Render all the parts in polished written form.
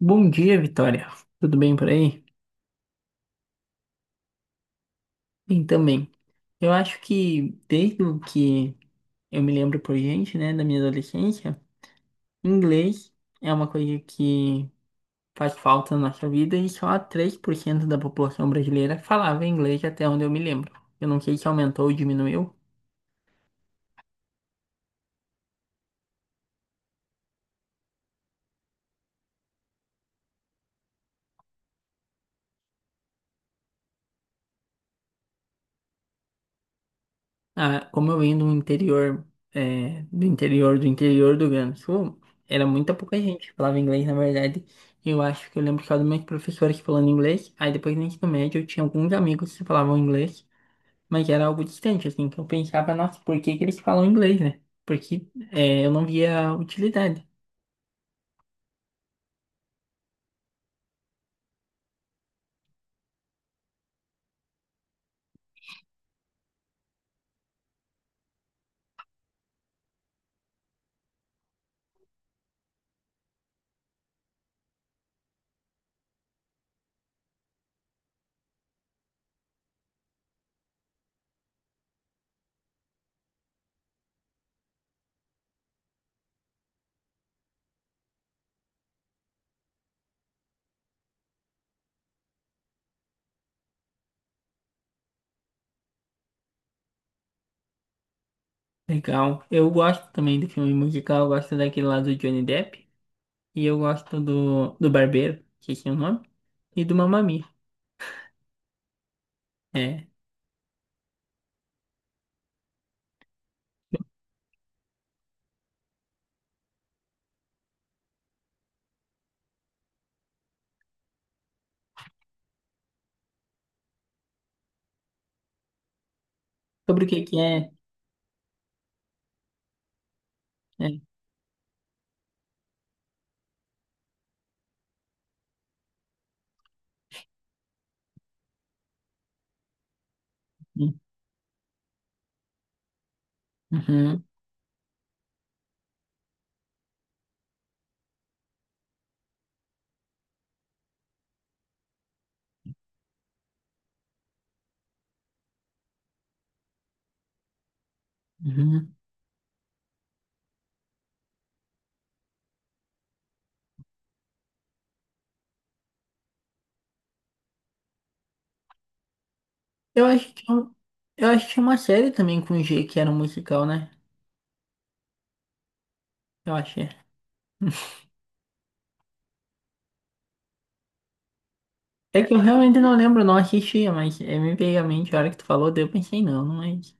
Bom dia, Vitória. Tudo bem por aí? Bem também. Eu acho que desde o que eu me lembro por gente, né, da minha adolescência, inglês é uma coisa que faz falta na nossa vida e só 3% da população brasileira falava inglês até onde eu me lembro. Eu não sei se aumentou ou diminuiu. Ah, como eu vim do interior, do interior do Rio Grande do Sul, era muita pouca gente que falava inglês, na verdade. Eu acho que eu lembro que era uma professora que falando inglês, aí depois no ensino médio eu tinha alguns amigos que falavam inglês, mas era algo distante, assim, que eu pensava, nossa, por que que eles falam inglês, né? Porque eu não via utilidade. Legal. Eu gosto também do filme musical, eu gosto daquele lá do Johnny Depp, e eu gosto do Barbeiro, que é o nome, e do Mamma Mia. É. Sobre o que que é... É. Uhum, uhum. Eu acho que eu, eu acho que tinha uma série também com G que era um musical, né? Eu achei. É. É que eu realmente não lembro, não assistia, mas me veio à mente a hora que tu falou, daí eu pensei, não, não é isso.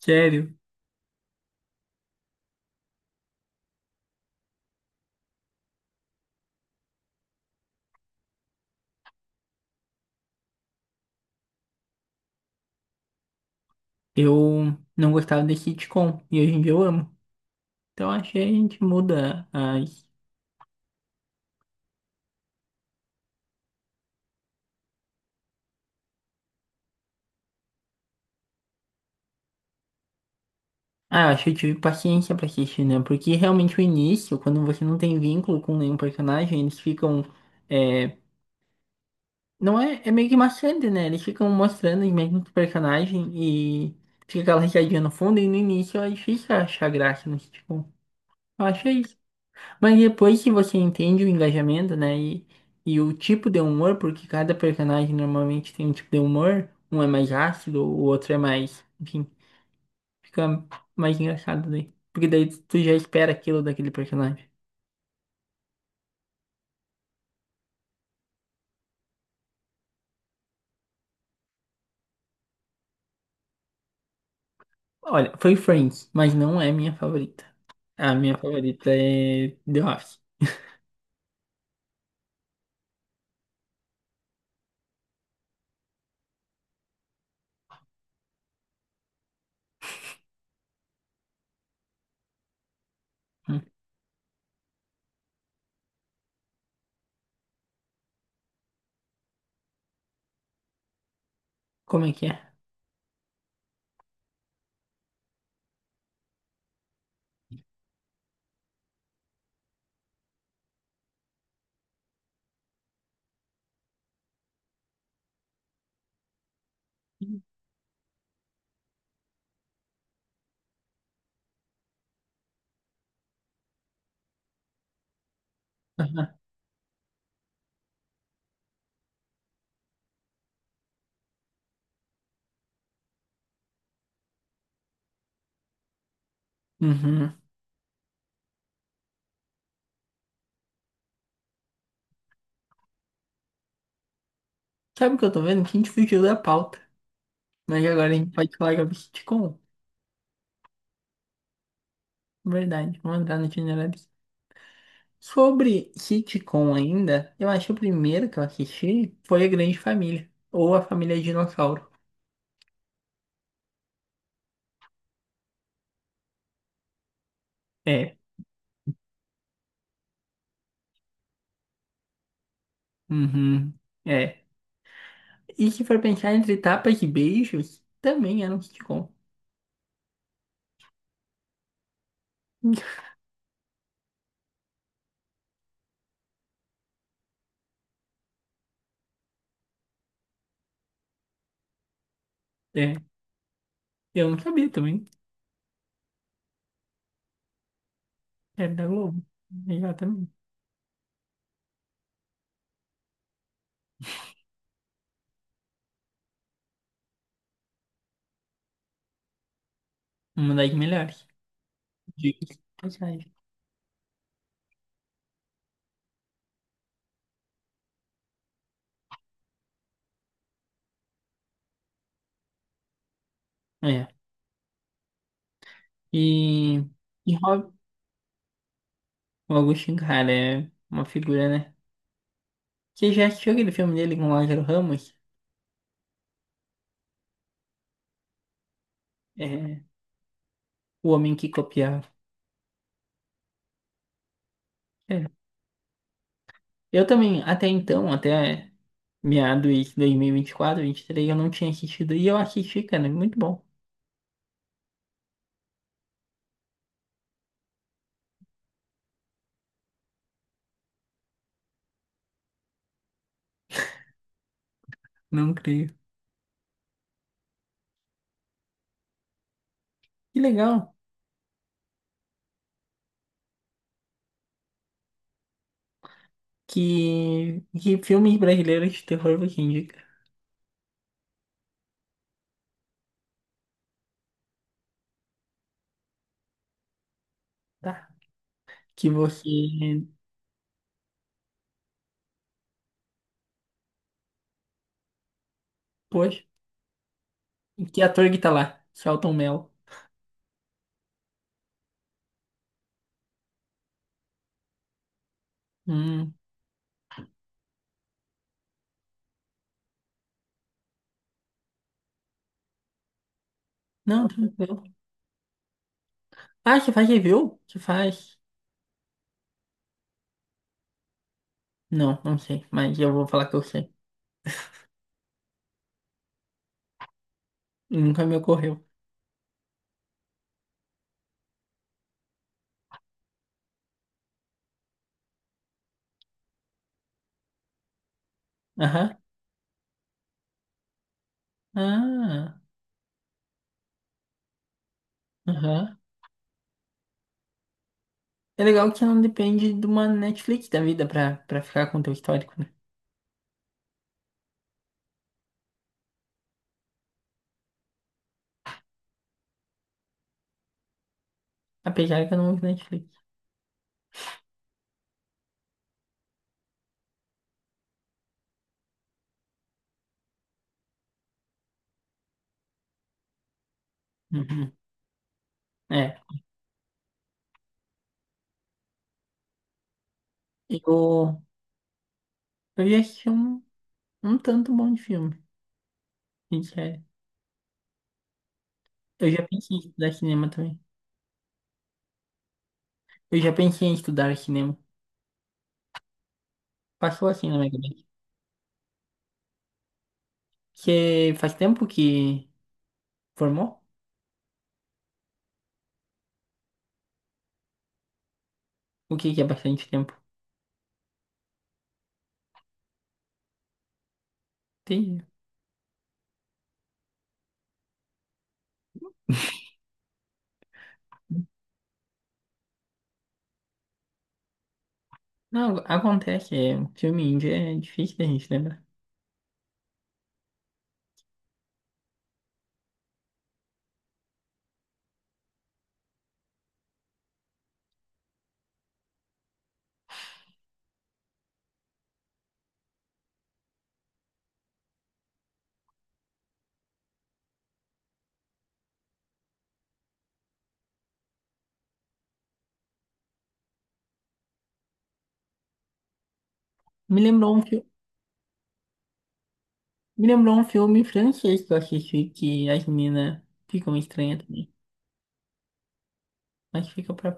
Sério, eu não gostava desse sitcom e hoje em dia eu amo. Então acho que a gente muda as. Ah, eu acho que eu tive paciência pra assistir, né? Porque realmente o início, quando você não tem vínculo com nenhum personagem, eles ficam. é, Não é, é meio que maçante, né? Eles ficam mostrando os mesmos personagens e fica aquela risadinha no fundo, e no início é difícil achar graça no sitcom. Eu acho isso. Mas depois que você entende o engajamento, né? E o tipo de humor, porque cada personagem normalmente tem um tipo de humor, um é mais ácido, o outro é mais, enfim, fica mais engraçado daí. Porque daí tu já espera aquilo daquele personagem. Olha, foi Friends, mas não é minha favorita. A minha favorita é The Office. Como é que é? Aham. Uhum. Sabe o que eu tô vendo? Que a gente fugiu da pauta. Mas agora a gente pode falar sobre sitcom. Verdade, vamos entrar no generalista. Sobre sitcom ainda, eu acho que o primeiro que eu assisti foi A Grande Família. Ou A Família Dinossauro. É. Uhum. É. E se for pensar entre tapas e beijos, também era um sitcom. É. Eu não sabia também. Era da Globo. Exatamente. Uma das melhores. Diga-se de passagem. É. E, e Rob, o Agostinho, cara, é uma figura, né? Você já assistiu aquele filme dele com o Lázaro Ramos? É, O Homem que Copiava. É. Eu também, até então, até meados de dois mil e vinte vinte quatro vinte e três eu não tinha assistido. E eu assisti, cara, é muito bom. Não creio. Que legal. Que filmes brasileiros de terror você indica, tá? Que você... Poxa, que ator que tá lá? Selton Mello. Hum. Não, tranquilo. Ah, você faz review? Você faz... Não, não sei, mas eu vou falar que eu sei. Nunca me ocorreu. Aham. Ah, aham. É legal que não depende de uma Netflix da vida pra, pra ficar com o teu histórico, né? Apesar que eu não uso Netflix. Uhum. É. Eu, eu já assisti um tanto bom de filme, sincero. Eu já pensei em estudar cinema também. Eu já pensei em estudar cinema. Passou assim na minha cabeça. Você faz tempo que formou? O que que é bastante tempo? Tem. Não, acontece, é, filme índio é difícil da gente lembrar. Me lembrou um filme, me lembrou um filme francês que eu assisti que as meninas ficam estranhas também, mas fica pra